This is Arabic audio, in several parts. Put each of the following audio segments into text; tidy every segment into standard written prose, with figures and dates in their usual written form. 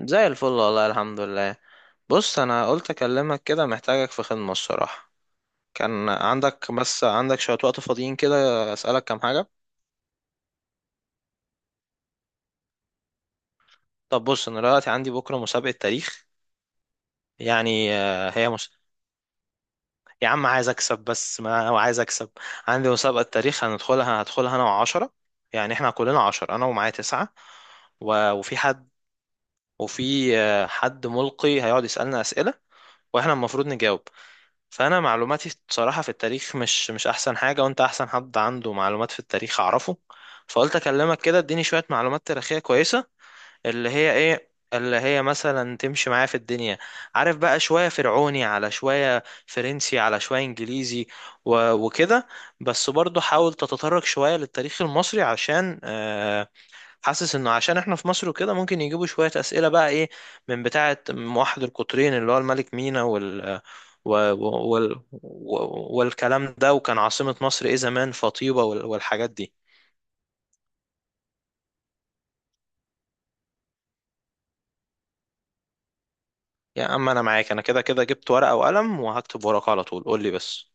زي الفل والله الحمد لله. بص، انا قلت اكلمك كده، محتاجك في خدمة الصراحة. كان عندك بس عندك شوية وقت فاضيين كده، اسألك كام حاجة. طب بص، انا دلوقتي عندي بكرة مسابقة تاريخ، يعني هي مش... يا عم عايز اكسب، بس ما هو عايز اكسب. عندي مسابقة تاريخ هندخلها، هدخلها انا وعشرة، يعني احنا كلنا عشرة، انا ومعايا تسعة. وفي حد، وفي حد ملقي هيقعد يسألنا أسئلة واحنا المفروض نجاوب. فانا معلوماتي بصراحه في التاريخ مش احسن حاجه، وانت احسن حد عنده معلومات في التاريخ اعرفه. فقلت اكلمك كده اديني شويه معلومات تاريخيه كويسه، اللي هي ايه، اللي هي مثلا تمشي معايا في الدنيا. عارف بقى شويه فرعوني على شويه فرنسي على شويه انجليزي وكده. بس برضو حاول تتطرق شويه للتاريخ المصري عشان حاسس انه عشان احنا في مصر وكده ممكن يجيبوا شوية اسئلة بقى ايه، من بتاعة موحد القطرين اللي هو الملك مينا وال... والكلام ده، وكان عاصمة مصر ايه زمان، فطيبة والحاجات دي. يا اما انا معاك، انا كده كده جبت ورقة وقلم وهكتب ورقة على طول، قول لي بس.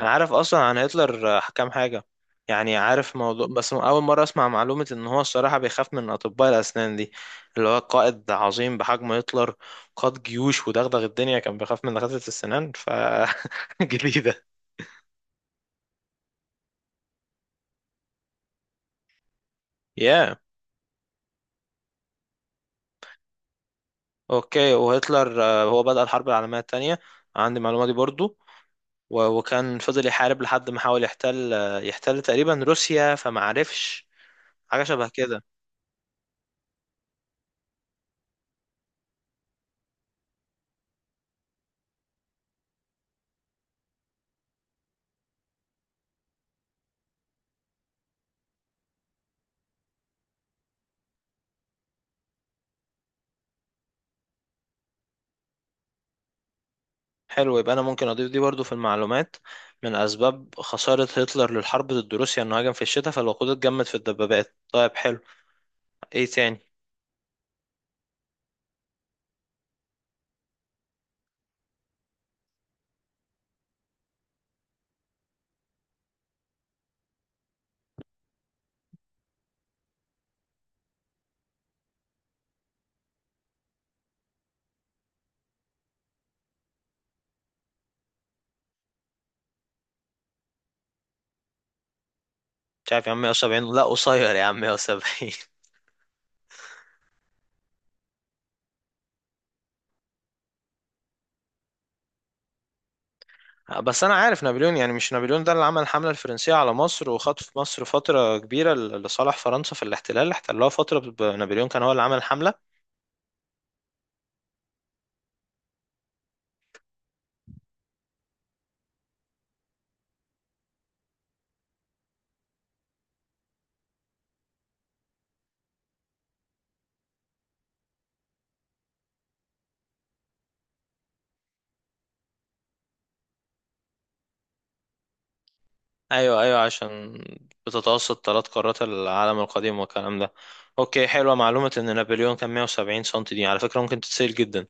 انا عارف اصلا عن هتلر كام حاجه، يعني عارف موضوع، بس اول مره اسمع معلومه ان هو الصراحه بيخاف من اطباء الاسنان دي. اللي هو قائد عظيم بحجم هتلر، قاد جيوش ودغدغ الدنيا، كان بيخاف من دكاتره السنان ف جديده. يا اوكي، وهتلر هو بدأ الحرب العالميه الثانيه، عندي المعلومه دي برضو. وكان فضل يحارب لحد ما حاول يحتل يحتل تقريبا روسيا، فما عرفش، حاجه شبه كده. حلو، يبقى انا ممكن اضيف دي برضو في المعلومات. من اسباب خسارة هتلر للحرب ضد روسيا انه هاجم في الشتاء فالوقود اتجمد في الدبابات. طيب حلو، ايه تاني؟ مش عارف يا عم، 170 لا قصير، يا عم 170. بس انا عارف نابليون يعني، مش نابليون ده اللي عمل الحملة الفرنسية على مصر وخطف مصر فترة كبيرة لصالح فرنسا في الاحتلال اللي احتلوها فترة نابليون كان هو اللي عمل الحملة. ايوه ايوه، عشان بتتوسط ثلاث قارات العالم القديم والكلام ده. اوكي، حلوة معلومة ان نابليون كان 170 سم، دي على فكرة ممكن تتسأل جدا.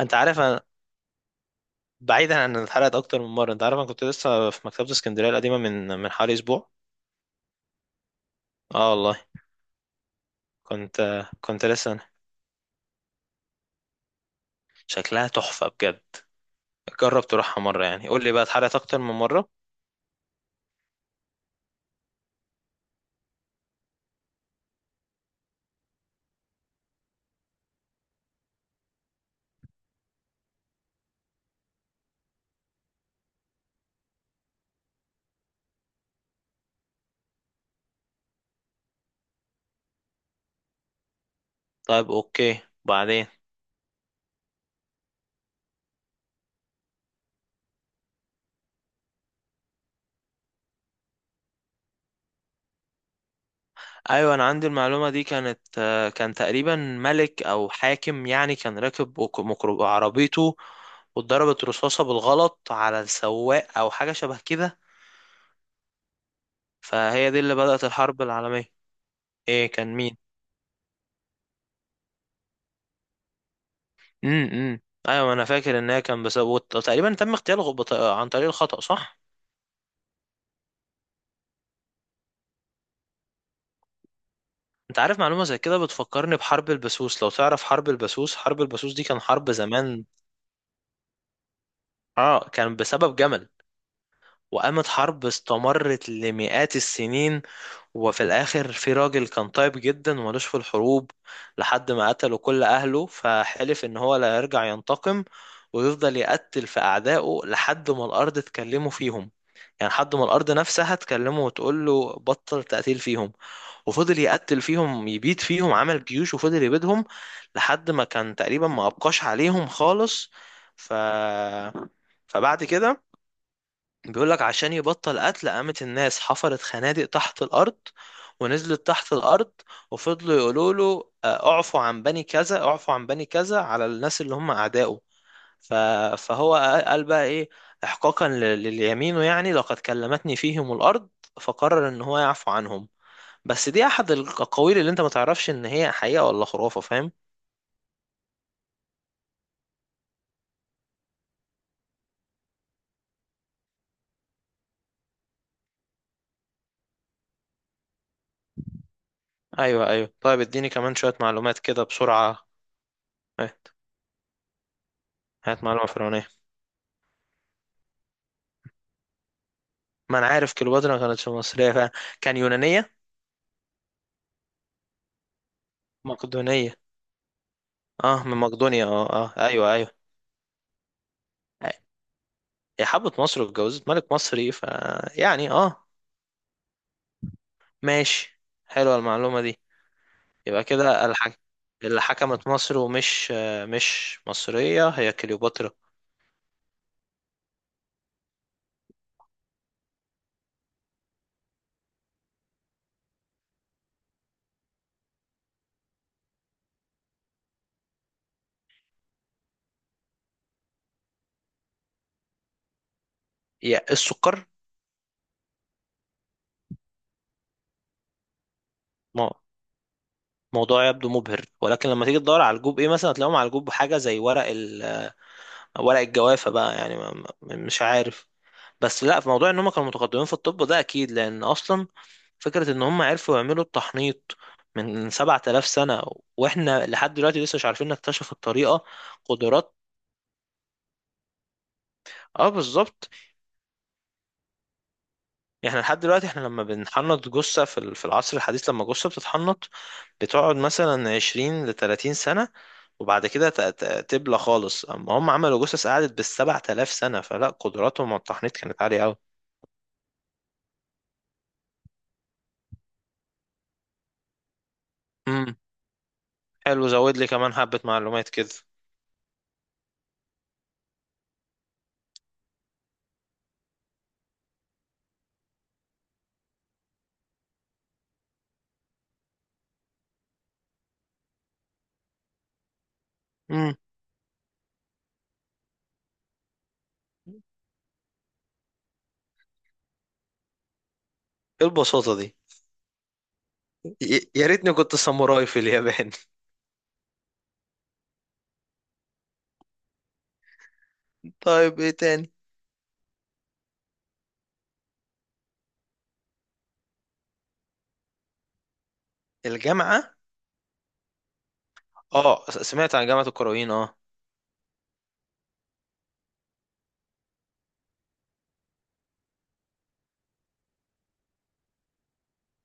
انت عارف انا، بعيدا عن ان اتحرقت اكتر من مره، انت عارف انا كنت لسه في مكتبه اسكندريه القديمه من حوالي اسبوع. اه والله. كنت لسه، شكلها تحفه بجد، جرب تروحها مره، يعني قول لي بقى، اتحرقت اكتر من مره. طيب اوكي، بعدين. ايوه انا عندي المعلومه دي، كانت كان تقريبا ملك او حاكم يعني، كان راكب عربيته، واتضربت رصاصه بالغلط على السواق او حاجه شبه كده. فهي دي اللي بدأت الحرب العالميه. ايه كان مين؟ امم امم. ايوه انا فاكر ان هي كان بسبب تقريبا تم اغتياله عن طريق الخطأ، صح؟ انت عارف معلومه زي كده بتفكرني بحرب البسوس، لو تعرف حرب البسوس. حرب البسوس دي كان حرب زمان، اه كان بسبب جمل، وقامت حرب استمرت لمئات السنين. وفي الاخر في راجل كان طيب جدا ومالوش في الحروب، لحد ما قتلوا كل اهله فحلف ان هو لا يرجع ينتقم، ويفضل يقتل في اعدائه لحد ما الارض تكلمه فيهم. يعني لحد ما الارض نفسها تكلمه وتقول له بطل تقتيل فيهم. وفضل يقتل فيهم، يبيد فيهم، عمل جيوش وفضل يبيدهم، لحد ما كان تقريبا ما ابقاش عليهم خالص. ف، فبعد كده بيقول لك عشان يبطل قتل، قامت الناس حفرت خنادق تحت الأرض ونزلت تحت الأرض، وفضلوا يقولوا له اعفوا عن بني كذا، اعفوا عن بني كذا، على الناس اللي هم أعدائه. ف- فهو قال بقى إيه، إحقاقا لليمينه يعني، لقد كلمتني فيهم الأرض، فقرر إن هو يعفو عنهم. بس دي أحد الأقاويل اللي أنت ما تعرفش إن هي حقيقة ولا خرافة، فاهم؟ أيوه أيوه، طيب اديني كمان شوية معلومات كده بسرعة. إيه، هات معلومة فرعونية. ما انا عارف كليوباترا ما كانتش مصرية فعلا. كان يونانية، مقدونية. اه، من مقدونيا، اه اه، ايوه ايوه. هي حبت مصر واتجوزت ملك مصري ف، يعني اه، ماشي، حلوة المعلومة دي. يبقى كده الحك... اللي حكمت مصر ومش مش مصرية هي كليوباترا. يا السكر. مو- موضوع يبدو مبهر، ولكن لما تيجي تدور على الجوب ايه مثلا هتلاقيهم على الجوب حاجة زي ورق ال... ورق الجوافة بقى يعني، مش عارف. بس لا، في موضوع ان هم كانوا متقدمين في الطب ده اكيد، لان اصلا فكرة ان هم عرفوا يعملوا التحنيط من 7000 سنة، واحنا لحد دلوقتي لسه مش عارفين نكتشف الطريقة. قدرات، اه بالظبط. احنا لحد دلوقتي، احنا لما بنحنط جثة في ال... في العصر الحديث، لما جثة بتتحنط بتقعد مثلا 20 ل 30 سنة وبعد كده تبلى خالص، اما هم عملوا جثث قعدت بال 7000 سنة، فلا قدراتهم على التحنيط كانت عالية قوي. امم. حلو، زود لي كمان حبة معلومات كده. امم، ايه البساطة دي؟ يا ريتني كنت ساموراي في اليابان. طيب ايه تاني؟ الجامعة؟ اه، سمعت عن جامعة الكرويين، اه.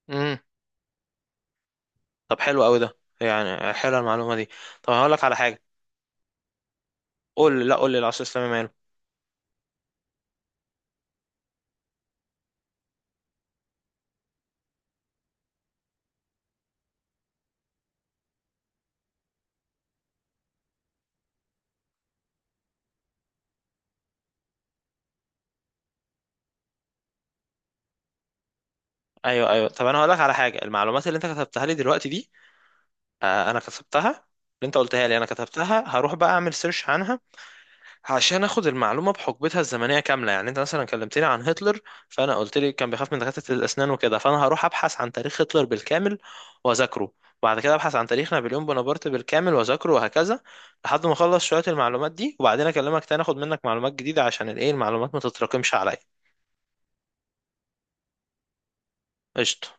امم. طب حلو قوي ده، يعني حلوه المعلومة دي. طب هقول لك على حاجة. قول لي، لا قول لي، العصر الإسلامي ماله. ايوه ايوه، طب انا هقول لك على حاجة. المعلومات اللي انت كتبتها لي دلوقتي دي، آه انا كتبتها، اللي انت قلتها لي انا كتبتها، هروح بقى اعمل سيرش عنها عشان اخد المعلومه بحقبتها الزمنيه كامله. يعني انت مثلا كلمتني عن هتلر، فانا قلت لي كان بيخاف من دكاتره الاسنان وكده، فانا هروح ابحث عن تاريخ هتلر بالكامل واذاكره، وبعد كده ابحث عن تاريخ نابليون بونابرت بالكامل واذاكره، وهكذا، لحد ما اخلص شويه المعلومات دي، وبعدين اكلمك تاني اخد منك معلومات جديده، عشان الايه المعلومات ما تتراكمش عليا. قشطه.